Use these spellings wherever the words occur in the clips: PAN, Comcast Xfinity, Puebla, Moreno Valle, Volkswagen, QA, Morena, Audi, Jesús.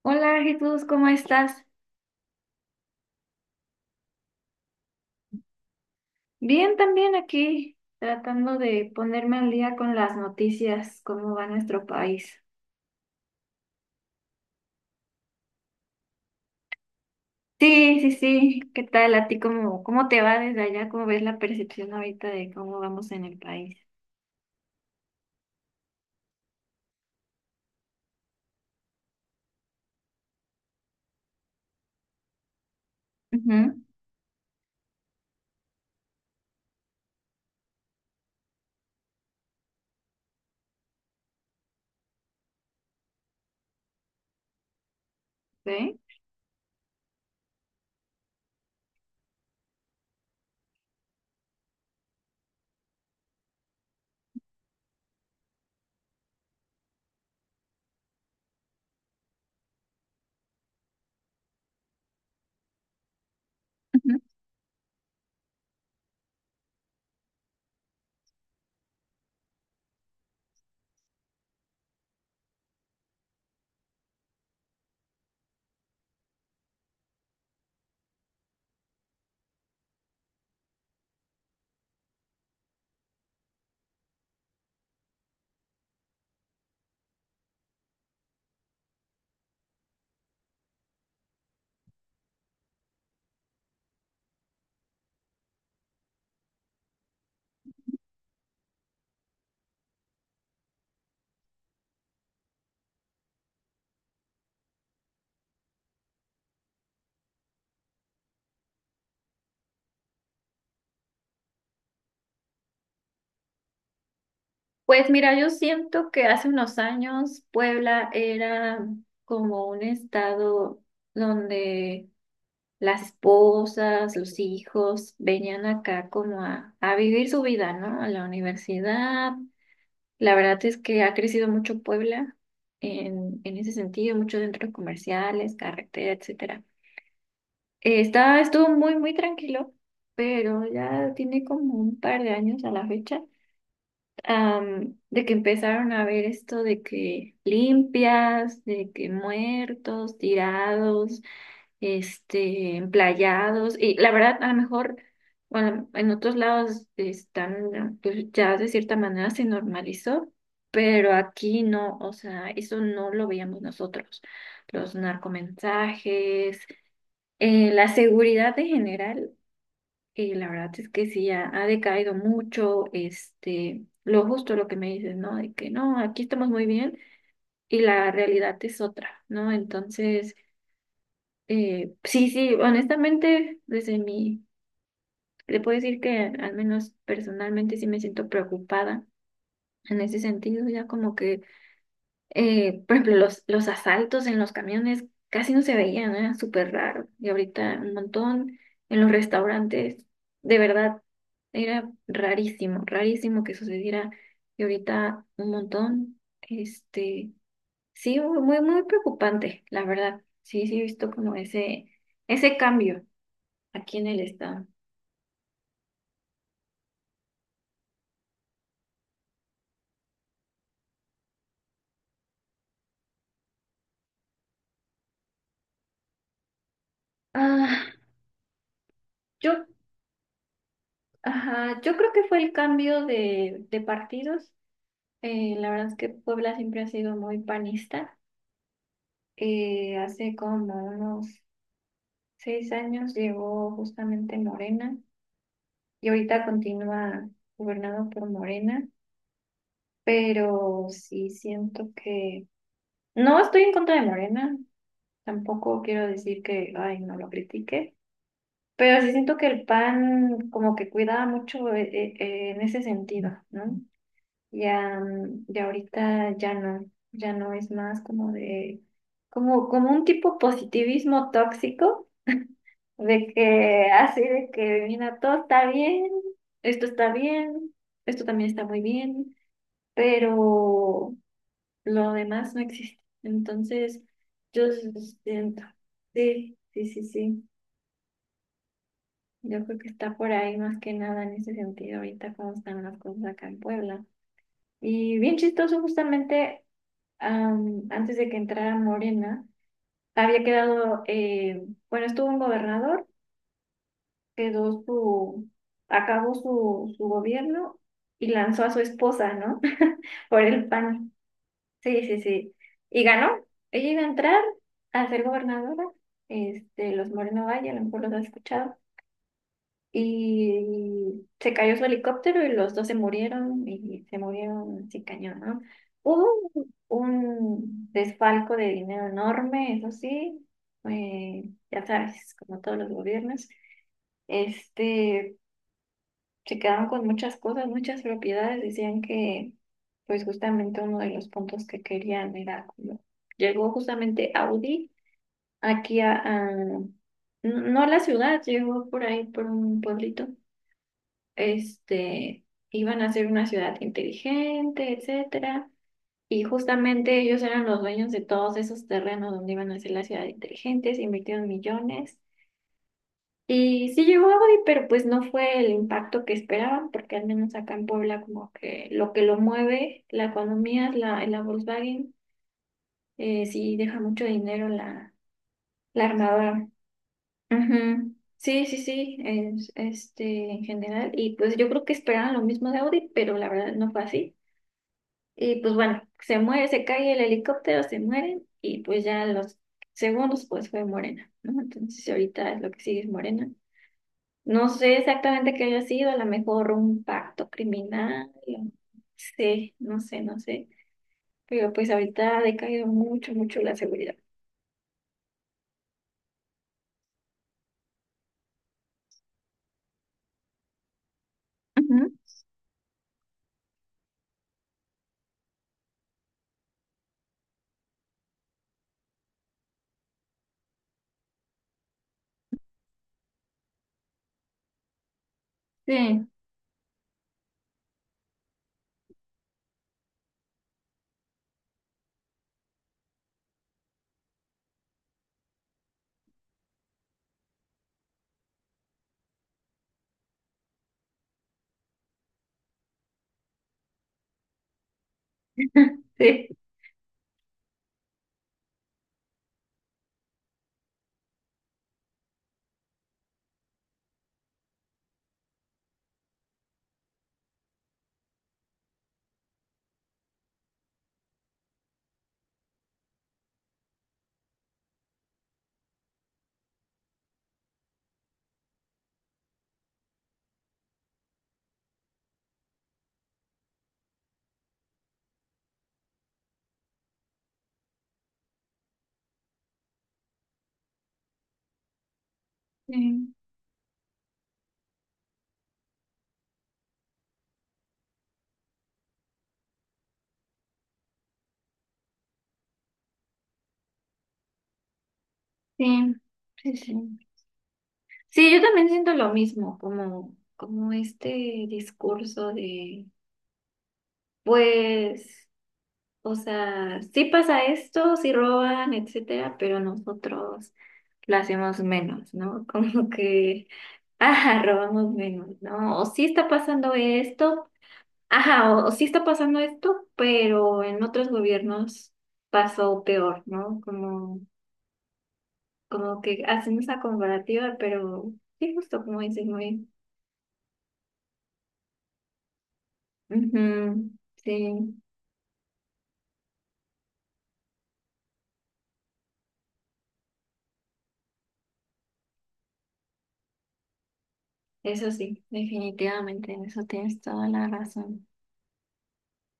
Hola Jesús, ¿cómo estás? Bien, también aquí tratando de ponerme al día con las noticias, cómo va nuestro país. Sí, sí, sí, ¿qué tal a ti? ¿Cómo, cómo te va desde allá? ¿Cómo ves la percepción ahorita de cómo vamos en el país? Ujú. ¿Sí? Ujú. Pues mira, yo siento que hace unos años Puebla era como un estado donde las esposas, los hijos, venían acá como a vivir su vida, ¿no? A la universidad. La verdad es que ha crecido mucho Puebla en ese sentido, muchos centros comerciales, carretera, etcétera. Estuvo muy, muy tranquilo, pero ya tiene como un par de años a la fecha, de que empezaron a ver esto de que limpias, de que muertos, tirados, este, emplayados. Y la verdad, a lo mejor, bueno, en otros lados están, pues ya de cierta manera se normalizó, pero aquí no, o sea, eso no lo veíamos nosotros, los narcomensajes, la seguridad en general. Y la verdad es que sí, ha decaído mucho, este, lo justo lo que me dices, ¿no? De que no, aquí estamos muy bien y la realidad es otra, ¿no? Entonces, sí, sí, honestamente, desde mi, le puedo decir que al menos personalmente sí me siento preocupada en ese sentido, ya como que. Por ejemplo, los asaltos en los camiones casi no se veían, era súper raro. Y ahorita un montón en los restaurantes, de verdad, era rarísimo, rarísimo que sucediera. Y ahorita un montón, este, sí, muy, muy preocupante, la verdad. Sí, sí, he visto como ese cambio aquí en el estado. Ah, yo, ajá, yo creo que fue el cambio de partidos. La verdad es que Puebla siempre ha sido muy panista. Hace como unos seis años llegó justamente Morena y ahorita continúa gobernado por Morena, pero sí siento que no estoy en contra de Morena, tampoco quiero decir que, ay, no lo critique, pero sí siento que el PAN como que cuidaba mucho, en ese sentido, ¿no? Ya, mm, ya ahorita ya no, ya no es más como de, como, como un tipo positivismo tóxico de que así, de que mira, todo está bien, esto también está muy bien, pero lo demás no existe. Entonces, yo siento, sí, sí, sí, sí, yo creo que está por ahí más que nada en ese sentido ahorita cómo están las cosas acá en Puebla. Y bien chistoso, justamente, antes de que entrara Morena, había quedado, bueno, estuvo un gobernador, quedó su, acabó su, su gobierno y lanzó a su esposa, ¿no? Por el PAN. Sí, sí, sí. Y ganó. Ella iba a entrar a ser gobernadora. Este, los Moreno Valle, a lo mejor los has escuchado. Y se cayó su helicóptero y los dos se murieron y se murieron sin cañón, ¿no? Hubo un desfalco de dinero enorme, eso sí, eh, ya sabes, como todos los gobiernos. Este, se quedaron con muchas cosas, muchas propiedades. Decían que, pues justamente uno de los puntos que querían era como, llegó justamente Audi aquí no a la ciudad, llegó por ahí, por un pueblito. Este, iban a ser una ciudad inteligente, etcétera. Y justamente ellos eran los dueños de todos esos terrenos donde iban a ser la ciudad inteligente, se invirtieron millones. Y sí llegó hoy, pero pues no fue el impacto que esperaban, porque al menos acá en Puebla como que lo mueve la economía es la Volkswagen. Sí deja mucho dinero la armadora. Ujú. Sí, sí, sí, este, en general. Y pues yo creo que esperaban lo mismo de Audi, pero la verdad no fue así. Y pues bueno, se muere, se cae el helicóptero, se mueren y pues ya los segundos pues fue Morena, ¿no? Entonces ahorita lo que sigue es Morena. No sé exactamente qué haya sido, a lo mejor un pacto criminal, sí, no sé, no sé. Pero pues ahorita ha decaído mucho, mucho la seguridad. Ujú. Sí. Sí, sí, sí, sí, sí. Sí, yo también siento lo mismo, como, como este discurso de, pues, o sea, sí pasa esto, sí roban, etcétera, pero nosotros lo hacemos menos, ¿no? Como que, ajá, robamos menos, ¿no? O sí está pasando esto, ajá, o sí está pasando esto, pero en otros gobiernos pasó peor, ¿no? Como, como que hacen esa comparativa, pero sí, justo como dices, muy, bien. Ujú, sí, eso sí, definitivamente, en eso tienes toda la razón.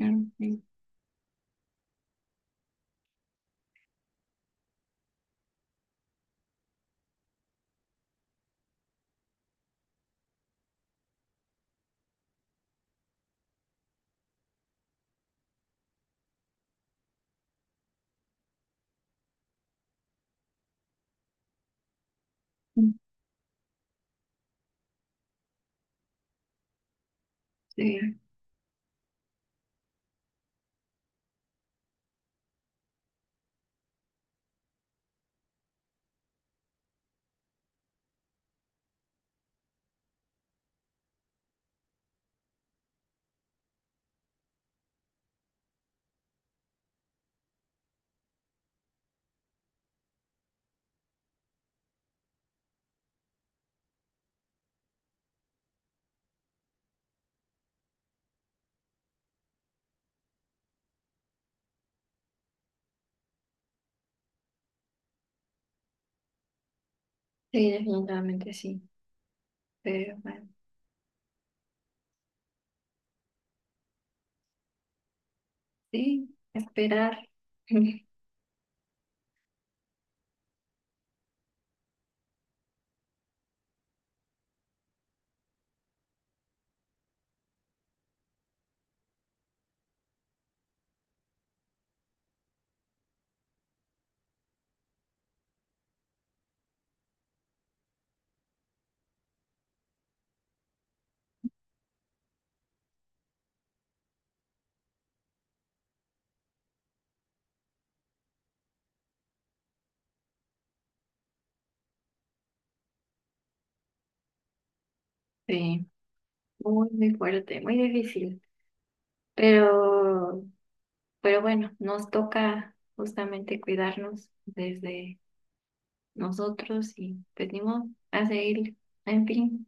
Ujú. Sí, sí, definitivamente sí, pero bueno, sí, esperar. Sí. Muy, muy fuerte, muy difícil. Pero, pero bueno, nos toca justamente cuidarnos desde nosotros y pues ni modo, a seguir. En fin,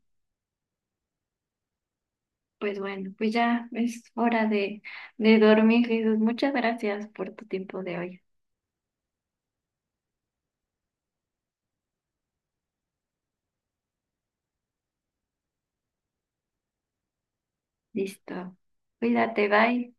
pues bueno, pues ya es hora de dormir, Jesús. Muchas gracias por tu tiempo de hoy. Listo. Cuídate, bye.